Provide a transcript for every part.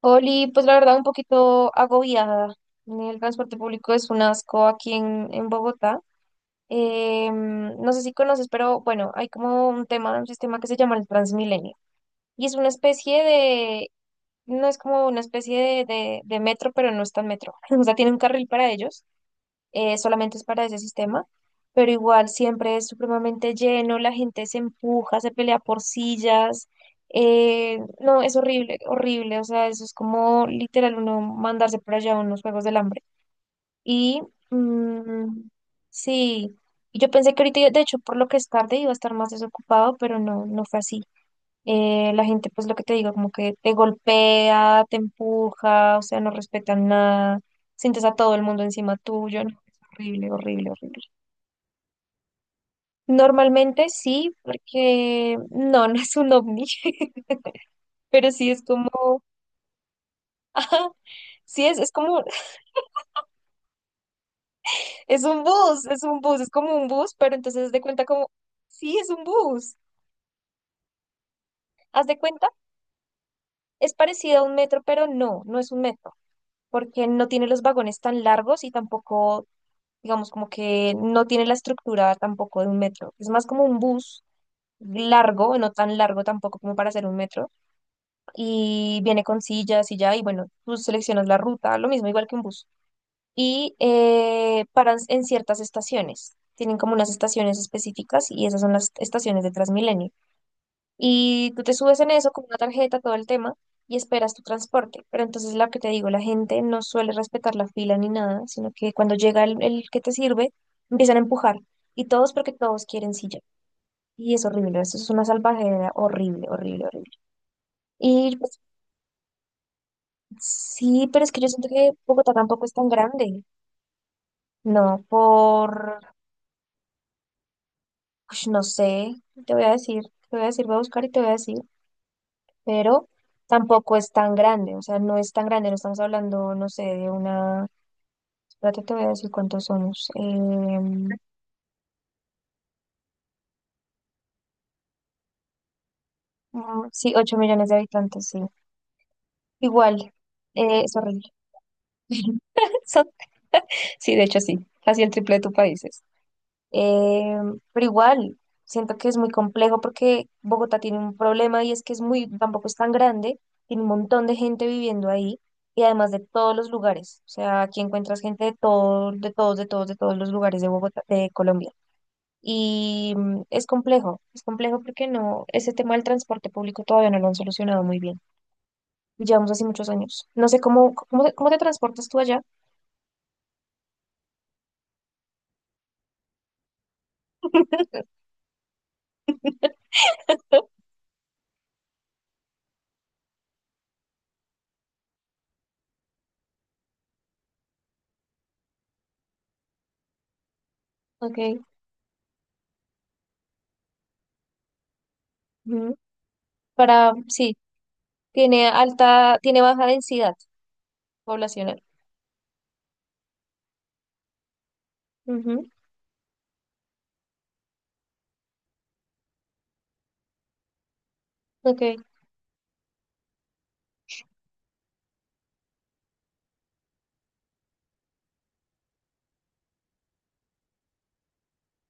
Oli, pues la verdad un poquito agobiada. El transporte público es un asco aquí en Bogotá. No sé si conoces, pero bueno, hay como un tema, un sistema que se llama el Transmilenio. Y es una especie de, no es como una especie de metro, pero no es tan metro. O sea, tiene un carril para ellos solamente es para ese sistema, pero igual siempre es supremamente lleno, la gente se empuja, se pelea por sillas, no, es horrible, horrible, o sea, eso es como literal uno mandarse por allá a unos juegos del hambre. Y mm, sí, y yo pensé que ahorita, de hecho, por lo que es tarde iba a estar más desocupado, pero no, no fue así. La gente, pues lo que te digo, como que te golpea, te empuja, o sea, no respetan nada, sientes a todo el mundo encima tuyo, no, es horrible, horrible, horrible. Normalmente sí, porque no, no es un ovni, pero sí es como, ajá, sí es como, es un bus, es un bus, es como un bus, pero entonces haz de cuenta como, sí, es un bus, haz de cuenta, es parecido a un metro, pero no, no es un metro, porque no tiene los vagones tan largos y tampoco digamos, como que no tiene la estructura tampoco de un metro. Es más como un bus largo, no tan largo tampoco como para hacer un metro, y viene con sillas y ya, y bueno, tú seleccionas la ruta, lo mismo, igual que un bus. Y paran en ciertas estaciones. Tienen como unas estaciones específicas y esas son las estaciones de Transmilenio. Y tú te subes en eso con una tarjeta, todo el tema, y esperas tu transporte. Pero entonces lo que te digo, la gente no suele respetar la fila ni nada, sino que cuando llega el que te sirve, empiezan a empujar. Y todos porque todos quieren silla. Y es horrible, eso es una salvajera horrible, horrible, horrible. Y pues, sí, pero es que yo siento que Bogotá tampoco es tan grande. No, por, ush, no sé, te voy a decir, te voy a decir, voy a buscar y te voy a decir. Pero tampoco es tan grande, o sea, no es tan grande, no estamos hablando, no sé, de una, espérate, te voy a decir cuántos somos. Sí, 8 millones de habitantes, sí, igual, es horrible. Son- sí, de hecho sí, casi el triple de tu país. Eh, pero igual, siento que es muy complejo porque Bogotá tiene un problema y es que tampoco es tan grande, tiene un montón de gente viviendo ahí y además de todos los lugares. O sea, aquí encuentras gente de todos los lugares de Bogotá, de Colombia. Y es complejo porque no, ese tema del transporte público todavía no lo han solucionado muy bien. Llevamos así muchos años. No sé cómo te transportas tú allá. Ok. Ujú. Para, sí. Tiene alta, tiene baja densidad poblacional. Ujú. Ok.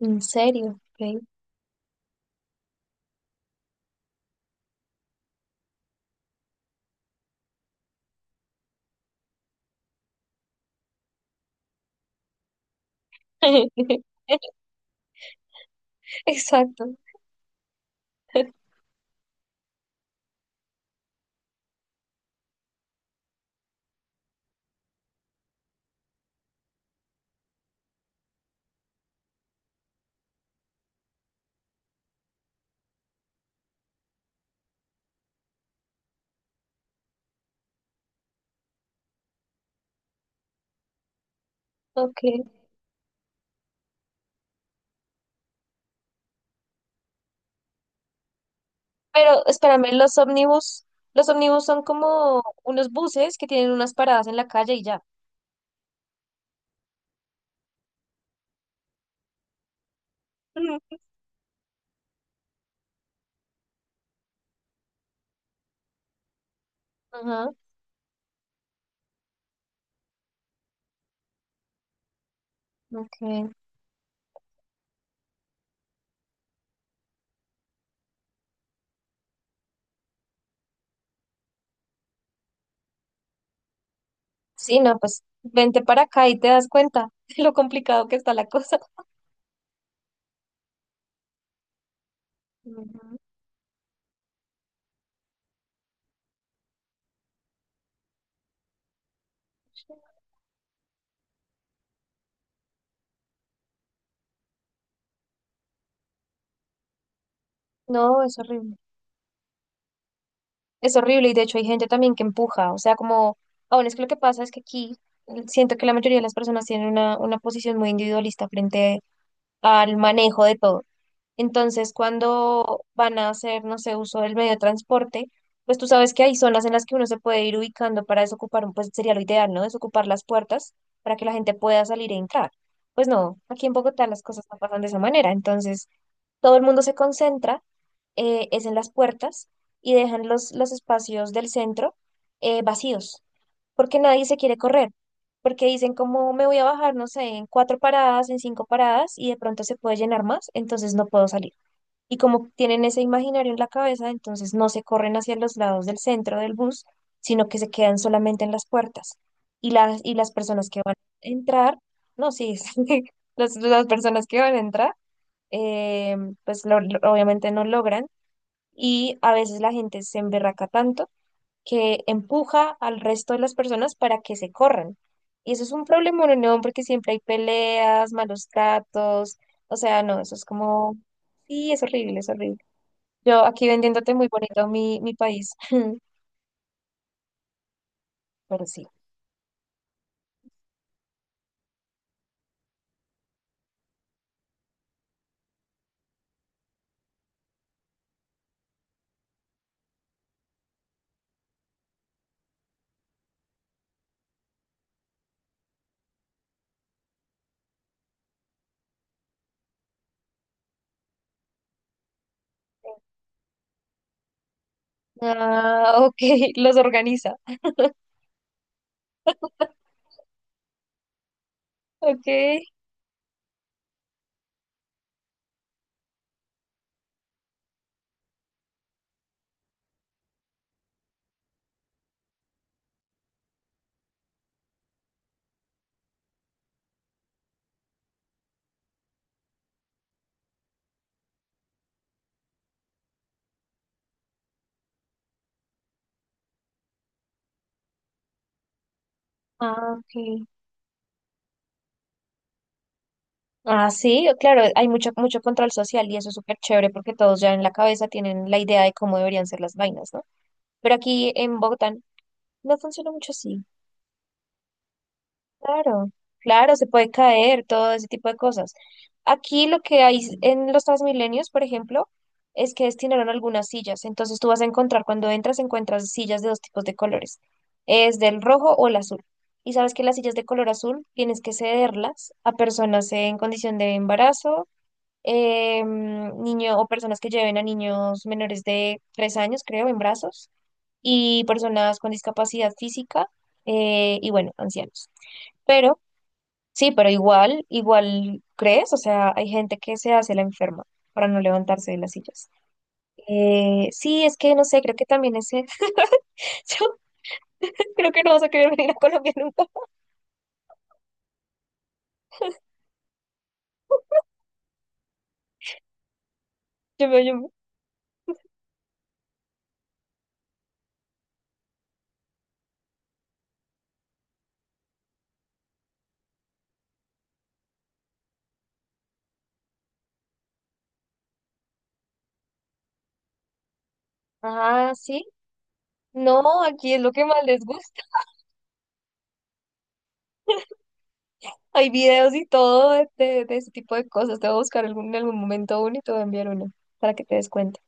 ¿En serio? Ok. Exacto. Ok. Pero espérame, los ómnibus, son como unos buses que tienen unas paradas en la calle y ya. Ujú. Ajá. Ok. Sí, no, pues vente para acá y te das cuenta de lo complicado que está la cosa. Ujú. No, es horrible. Es horrible y de hecho hay gente también que empuja, o sea, como, aún es que lo que pasa es que aquí siento que la mayoría de las personas tienen una posición muy individualista frente al manejo de todo. Entonces, cuando van a hacer, no sé, uso del medio de transporte, pues tú sabes que hay zonas en las que uno se puede ir ubicando para desocupar, pues sería lo ideal, ¿no? Desocupar las puertas para que la gente pueda salir e entrar. Pues no, aquí en Bogotá las cosas no pasan de esa manera, entonces todo el mundo se concentra es en las puertas y dejan los espacios del centro vacíos, porque nadie se quiere correr, porque dicen como me voy a bajar, no sé, en cuatro paradas, en cinco paradas y de pronto se puede llenar más, entonces no puedo salir. Y como tienen ese imaginario en la cabeza, entonces no se corren hacia los lados del centro del bus, sino que se quedan solamente en las puertas. Y las personas que van a entrar, no, sí, las personas que van a entrar, eh, pues obviamente no logran y a veces la gente se emberraca tanto que empuja al resto de las personas para que se corran. Y eso es un problema en Unión porque siempre hay peleas, malos tratos, o sea, no, eso es como, sí, es horrible, es horrible. Yo aquí vendiéndote muy bonito mi país, pero sí. Ah, ok, los organiza. Ok. Ah, ok. Ah, sí, claro, hay mucho, mucho control social y eso es súper chévere porque todos ya en la cabeza tienen la idea de cómo deberían ser las vainas, ¿no? Pero aquí en Bogotá no funciona mucho así. Claro, claro, se puede caer, todo ese tipo de cosas. Aquí lo que hay en los Transmilenios, por ejemplo, es que destinaron algunas sillas. Entonces tú vas a encontrar, cuando entras, encuentras sillas de dos tipos de colores. Es del rojo o el azul. Y sabes que las sillas de color azul tienes que cederlas a personas en condición de embarazo, niño o personas que lleven a niños menores de 3 años, creo, en brazos y personas con discapacidad física y bueno, ancianos. Pero sí, pero igual, crees, o sea, hay gente que se hace la enferma para no levantarse de las sillas. Sí, es que no sé, creo que también ese, yo creo que no vas a querer venir a Colombia nunca. Yo me, yo me- Ah, sí. No, aquí es lo que más les gusta. Hay videos y todo de ese tipo de cosas. Te voy a buscar en algún momento uno y te voy a enviar uno para que te des cuenta.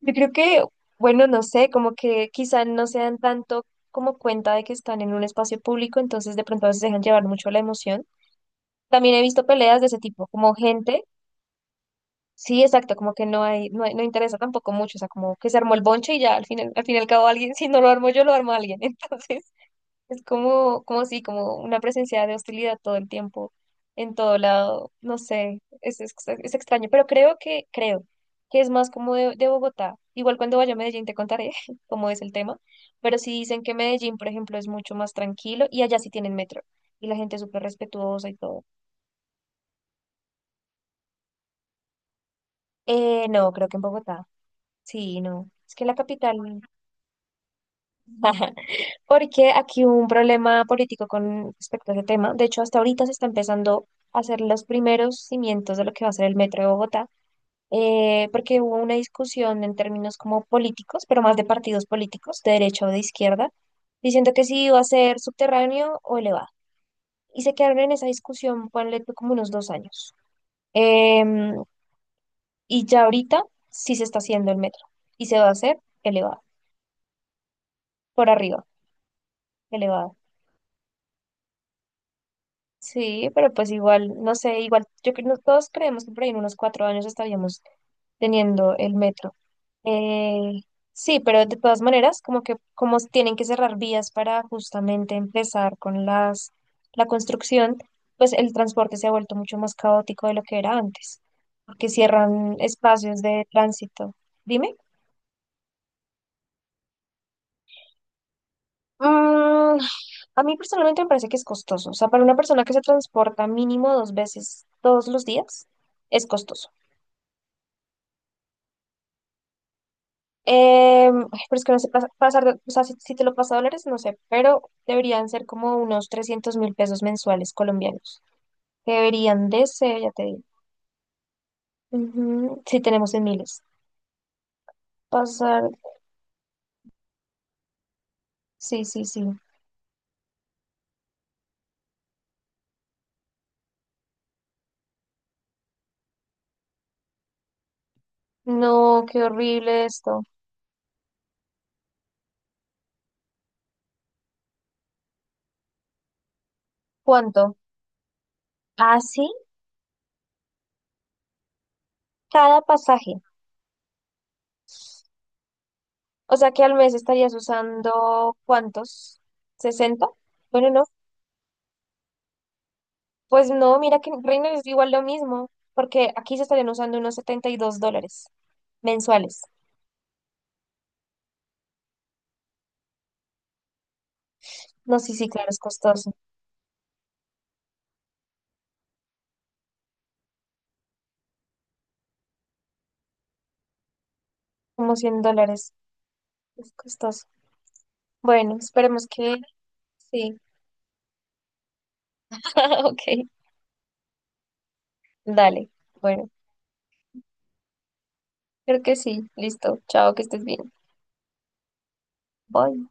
Yo creo que, bueno, no sé, como que quizá no se dan tanto como cuenta de que están en un espacio público, entonces de pronto a veces se dejan llevar mucho la emoción. También he visto peleas de ese tipo, como gente, sí, exacto, como que no hay, no interesa tampoco mucho, o sea, como que se armó el bonche y ya al final, al fin y al cabo alguien, si no lo armo yo, lo armo alguien. Entonces, es como, como si, como una presencia de hostilidad todo el tiempo, en todo lado, no sé, es, es extraño, pero creo que es más como de Bogotá. Igual cuando vaya a Medellín te contaré cómo es el tema, pero sí dicen que Medellín, por ejemplo, es mucho más tranquilo y allá sí tienen metro y la gente es súper respetuosa y todo. No, creo que en Bogotá, sí, no, es que la capital. Ajá. Porque aquí hubo un problema político con respecto a ese tema. De hecho, hasta ahorita se está empezando a hacer los primeros cimientos de lo que va a ser el metro de Bogotá, porque hubo una discusión en términos como políticos, pero más de partidos políticos, de derecha o de izquierda, diciendo que si iba a ser subterráneo o elevado. Y se quedaron en esa discusión, ponle tú como unos 2 años. Em, y ya ahorita sí se está haciendo el metro y se va a hacer elevado, por arriba, elevado. Sí, pero pues igual, no sé, igual, yo creo que todos creemos que por ahí en unos 4 años estaríamos teniendo el metro. Eh, sí, pero de todas maneras, como que como tienen que cerrar vías para justamente empezar con las la construcción, pues el transporte se ha vuelto mucho más caótico de lo que era antes, porque cierran espacios de tránsito. Dime. Mm, a mí personalmente me parece que es costoso. O sea, para una persona que se transporta mínimo dos veces todos los días, es costoso. Ay, pero es que no sé pasar, o sea, si, te lo pasa a dólares, no sé, pero deberían ser como unos 300.000 pesos mensuales colombianos. Deberían de ser, ya te digo. Ujú. Sí, tenemos en miles. Pasar, sí, sí, sí. No, qué horrible esto. ¿Cuánto? Así cada pasaje. O sea que al mes estarías usando ¿cuántos? 60. Bueno, no. Pues no, mira que en Reino es igual lo mismo, porque aquí se estarían usando unos 72 dólares mensuales. No, sí, sí, claro, es costoso. Como 100 dólares. Es costoso. Bueno, esperemos que sí. Ok, dale. Bueno, creo que sí. Listo. Chao, que estés bien. Bye.